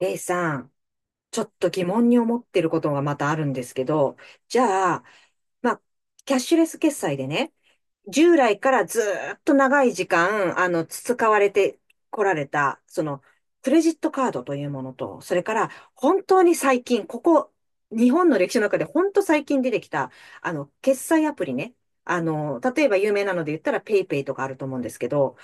レイさん、ちょっと疑問に思ってることがまたあるんですけど、じゃあ、まあ、キャッシュレス決済でね、従来からずーっと長い時間、培われてこられた、クレジットカードというものと、それから、本当に最近、ここ、日本の歴史の中で本当最近出てきた、決済アプリね。例えば有名なので言ったら、ペイペイとかあると思うんですけど、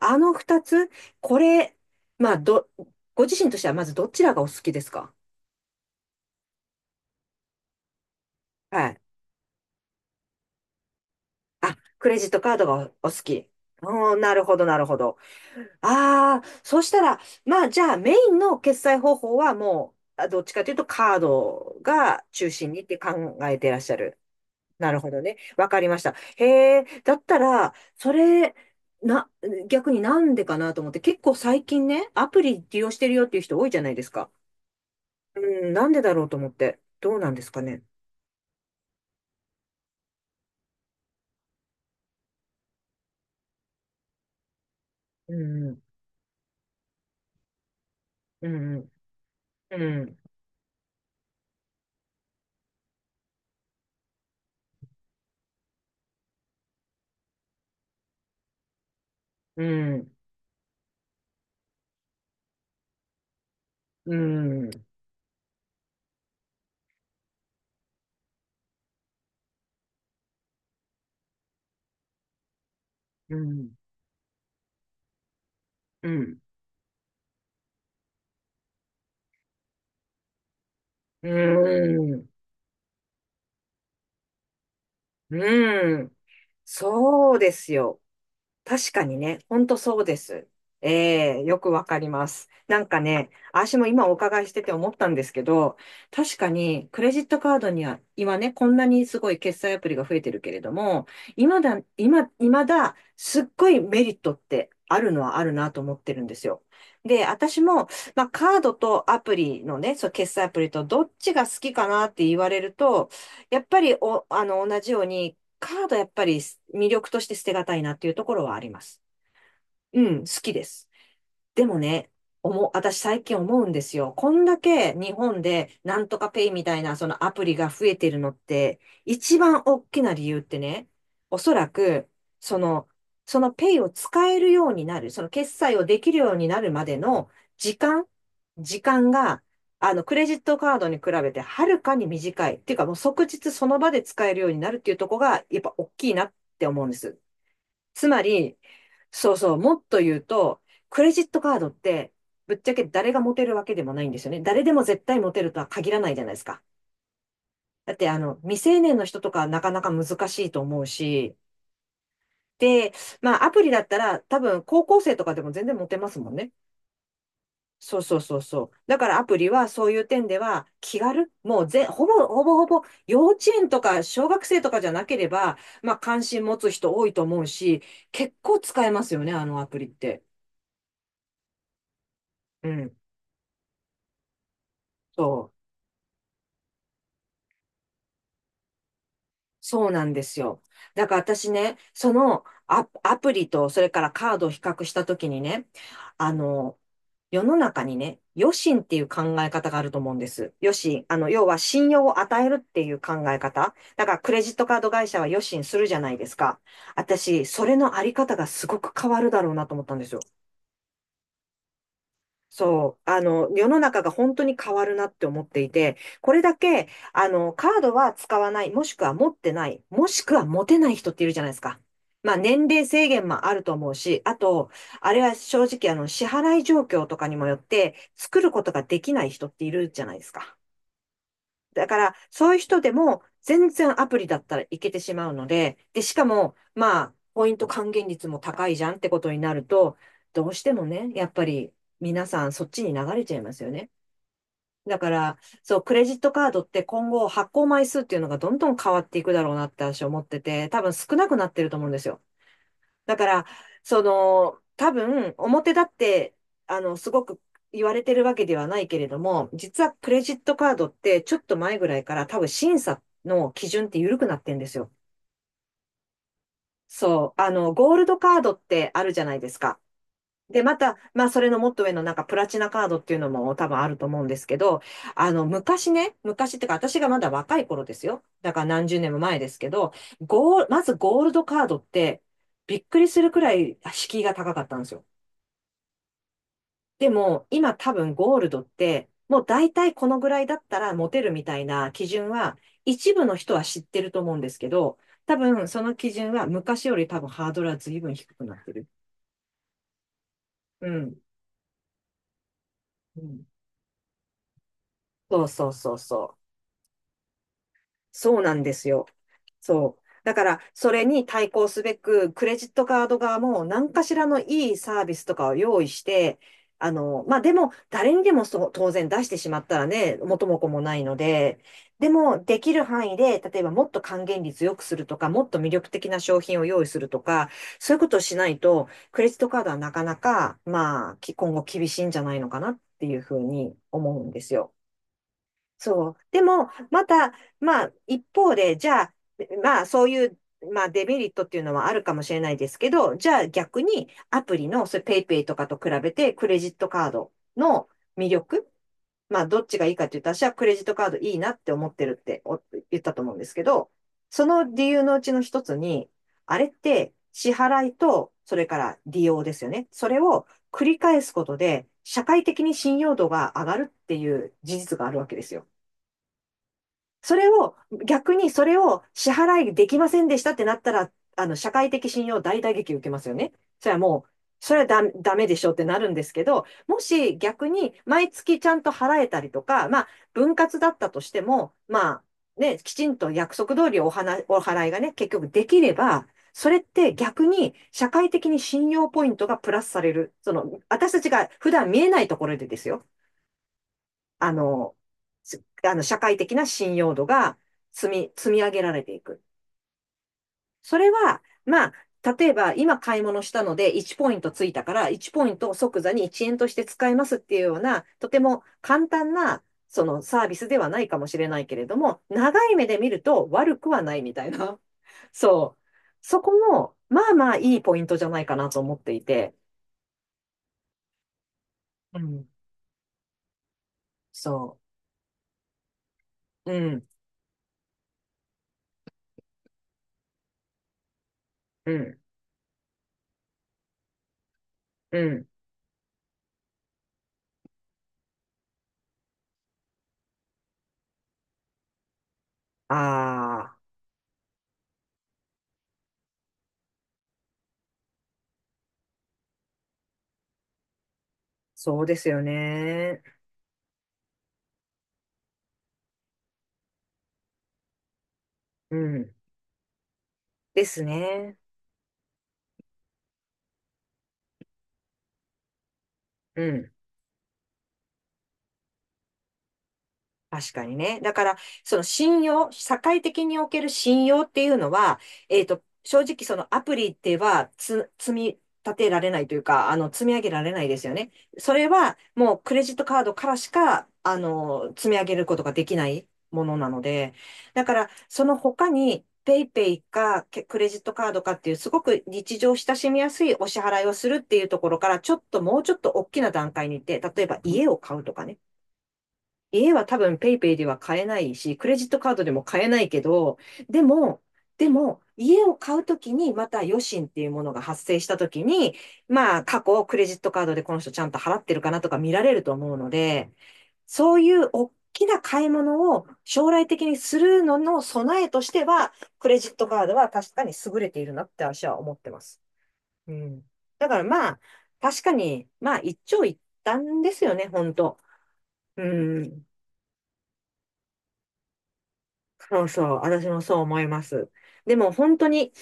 あの二つ、これ、まあ、ど、ご自身としてはまずどちらがお好きですか？はい。あ、クレジットカードがお好き。おー、なるほど、なるほど。ああ、そうしたら、まあじゃあメインの決済方法はもう、あどっちかというとカードが中心にって考えてらっしゃる。なるほどね。わかりました。へえ、だったら、それ、な、逆になんでかなと思って、結構最近ね、アプリ利用してるよっていう人多いじゃないですか。うん、なんでだろうと思って。どうなんですかね。うん、うん、うん、うん、うん、うん、うん、うん、うん、うん。そうですよ。確かにね、ほんとそうです。ええ、よくわかります。なんかね、私も今お伺いしてて思ったんですけど、確かにクレジットカードには今ね、こんなにすごい決済アプリが増えてるけれども、今だ、すっごいメリットってあるのはあるなと思ってるんですよ。で、私も、まあ、カードとアプリのね、そう、決済アプリとどっちが好きかなって言われると、やっぱりお、あの、同じようにカードやっぱり魅力として捨てがたいなっていうところはあります。うん、好きです。でもね、私最近思うんですよ。こんだけ日本でなんとかペイみたいなそのアプリが増えてるのって、一番大きな理由ってね、おそらく、その、そのペイを使えるようになる、その決済をできるようになるまでの時間、時間が、クレジットカードに比べてはるかに短い。っていうかもう即日その場で使えるようになるっていうところが、やっぱ大きいなって思うんです。つまり、そうそう、もっと言うと、クレジットカードって、ぶっちゃけ誰が持てるわけでもないんですよね。誰でも絶対持てるとは限らないじゃないですか。だって、未成年の人とかなかなか難しいと思うし、で、まあ、アプリだったら、多分、高校生とかでも全然持てますもんね。そうそうそうそう。だからアプリはそういう点では気軽、もうぜ、ほぼ、ほぼほぼ幼稚園とか小学生とかじゃなければ、まあ関心持つ人多いと思うし、結構使えますよね、あのアプリって。うん。そう、そうなんですよ。だから私ね、アプリとそれからカードを比較したときにね、あの、世の中にね、余信っていう考え方があると思うんです。余信、要は信用を与えるっていう考え方。だからクレジットカード会社は余信するじゃないですか。私、それのあり方がすごく変わるだろうなと思ったんですよ。そう、世の中が本当に変わるなって思っていて、これだけ、カードは使わない、もしくは持ってない、もしくは持てない人っているじゃないですか。まあ、年齢制限もあると思うし、あと、あれは正直、支払い状況とかにもよって、作ることができない人っているじゃないですか。だから、そういう人でも、全然アプリだったらいけてしまうので、で、しかも、まあ、ポイント還元率も高いじゃんってことになると、どうしてもね、やっぱり皆さんそっちに流れちゃいますよね。だから、そう、クレジットカードって今後発行枚数っていうのがどんどん変わっていくだろうなって私は思ってて、多分少なくなってると思うんですよ。だから、多分、表だって、すごく言われてるわけではないけれども、実はクレジットカードって、ちょっと前ぐらいから多分審査の基準って緩くなってんですよ。そう、ゴールドカードってあるじゃないですか。で、また、まあ、それのもっと上のなんかプラチナカードっていうのも多分あると思うんですけど、昔ね、昔ってか、私がまだ若い頃ですよ。だから何十年も前ですけど、まずゴールドカードって、びっくりするくらい敷居が高かったんですよ。でも、今多分ゴールドって、もう大体このぐらいだったらモテるみたいな基準は、一部の人は知ってると思うんですけど、多分その基準は昔より多分ハードルは随分低くなってる。うん。うんそうそうそうそう。そうなんですよ。そう。だから、それに対抗すべく、クレジットカード側も何かしらのいいサービスとかを用意して、まあ、でも、誰にでもそう当然出してしまったらね、元も子もないので、でも、できる範囲で、例えばもっと還元率良くするとか、もっと魅力的な商品を用意するとか、そういうことをしないと、クレジットカードはなかなか、まあ、今後厳しいんじゃないのかなっていうふうに思うんですよ。そう。でも、また、まあ、一方で、じゃあ、まあ、そういう、まあ、デメリットっていうのはあるかもしれないですけど、じゃあ逆に、アプリの、それ、ペイペイとかと比べて、クレジットカードの魅力、まあ、どっちがいいかって言ったら、私はクレジットカードいいなって思ってるって言ったと思うんですけど、その理由のうちの一つに、あれって支払いと、それから利用ですよね。それを繰り返すことで、社会的に信用度が上がるっていう事実があるわけですよ。それを、逆にそれを支払いできませんでしたってなったら、社会的信用大打撃受けますよね。それはもう、それはダメでしょってなるんですけど、もし逆に毎月ちゃんと払えたりとか、まあ、分割だったとしても、まあ、ね、きちんと約束通りお払いがね、結局できれば、それって逆に社会的に信用ポイントがプラスされる。その、私たちが普段見えないところでですよ。あの、あの社会的な信用度が積み上げられていく。それは、まあ、例えば今買い物したので1ポイントついたから1ポイントを即座に1円として使えますっていうような、とても簡単なそのサービスではないかもしれないけれども、長い目で見ると悪くはないみたいな。そう。そこも、いいポイントじゃないかなと思っていて。うん。そう。うん。うん。うん。ああ、そうですよね。うん。ですね。うん、確かにね。だから、その信用、社会的における信用っていうのは、正直そのアプリでは積み立てられないというか、積み上げられないですよね。それはもうクレジットカードからしか、積み上げることができないものなので、だから、その他に、ペイペイかけクレジットカードかっていう、すごく日常親しみやすいお支払いをするっていうところから、ちょっともうちょっと大きな段階に行って、例えば家を買うとかね。家は多分ペイペイでは買えないし、クレジットカードでも買えないけど、でも、でも、家を買うときにまた余震っていうものが発生したときに、まあ過去クレジットカードでこの人ちゃんと払ってるかなとか見られると思うので、そういう大きな買い物を将来的にするのの備えとしては、クレジットカードは確かに優れているなって私は思ってます。うん。だから、まあ、確かに、まあ一長一短ですよね、本当。うん。そうそう、私もそう思います。でも本当に、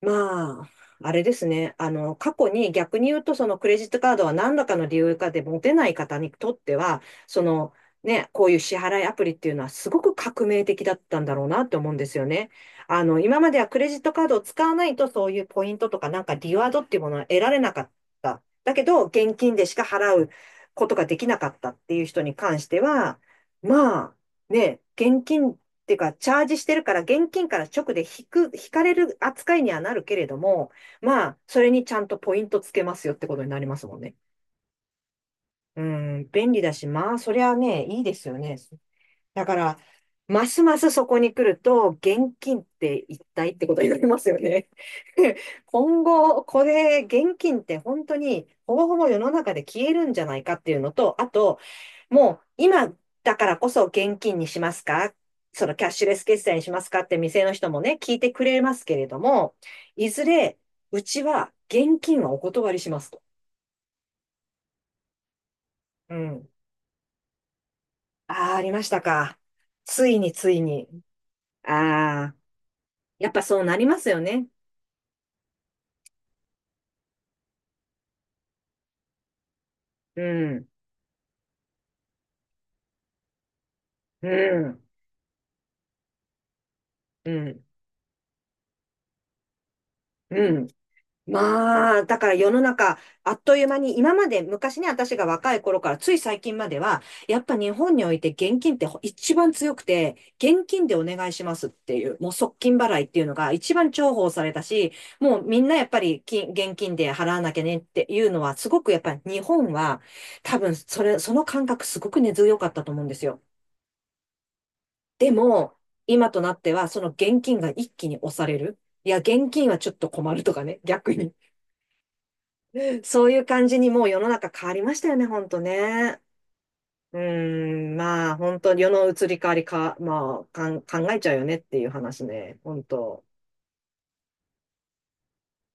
まあ、あれですね、あの、過去に逆に言うと、そのクレジットカードは何らかの理由かで持てない方にとっては、その、ね、こういう支払いアプリっていうのはすごく革命的だったんだろうなって思うんですよね。あの、今まではクレジットカードを使わないとそういうポイントとかなんかリワードっていうものは得られなかった。だけど、現金でしか払うことができなかったっていう人に関しては、まあ、ね、現金っていうか、チャージしてるから、現金から直で引く、引かれる扱いにはなるけれども、まあ、それにちゃんとポイントつけますよってことになりますもんね。うん、便利だし、まあ、そりゃね、いいですよね。だから、ますますそこに来ると、現金って一体ってことになりますよね。今後、これ、現金って本当に、ほぼほぼ世の中で消えるんじゃないかっていうのと、あと、もう、今だからこそ現金にしますか、そのキャッシュレス決済にしますかって店の人もね、聞いてくれますけれども、いずれ、うちは現金はお断りしますと。うん。ああ、ありましたか。ついについに。ああ。やっぱそうなりますよね。うん、うん、うん、うん。まあ、だから世の中、あっという間に、今まで昔ね、私が若い頃から、つい最近までは、やっぱ日本において現金って一番強くて、現金でお願いしますっていう、もう即金払いっていうのが一番重宝されたし、もうみんなやっぱり現金で払わなきゃねっていうのは、すごくやっぱり日本は、多分それ、その感覚すごく根強かったと思うんですよ。でも、今となっては、その現金が一気に押される。いや、現金はちょっと困るとかね、逆に。そういう感じにもう世の中変わりましたよね、ほんとね。うーん、まあ、本当世の移り変わりか、まあ、考えちゃうよねっていう話ね、本当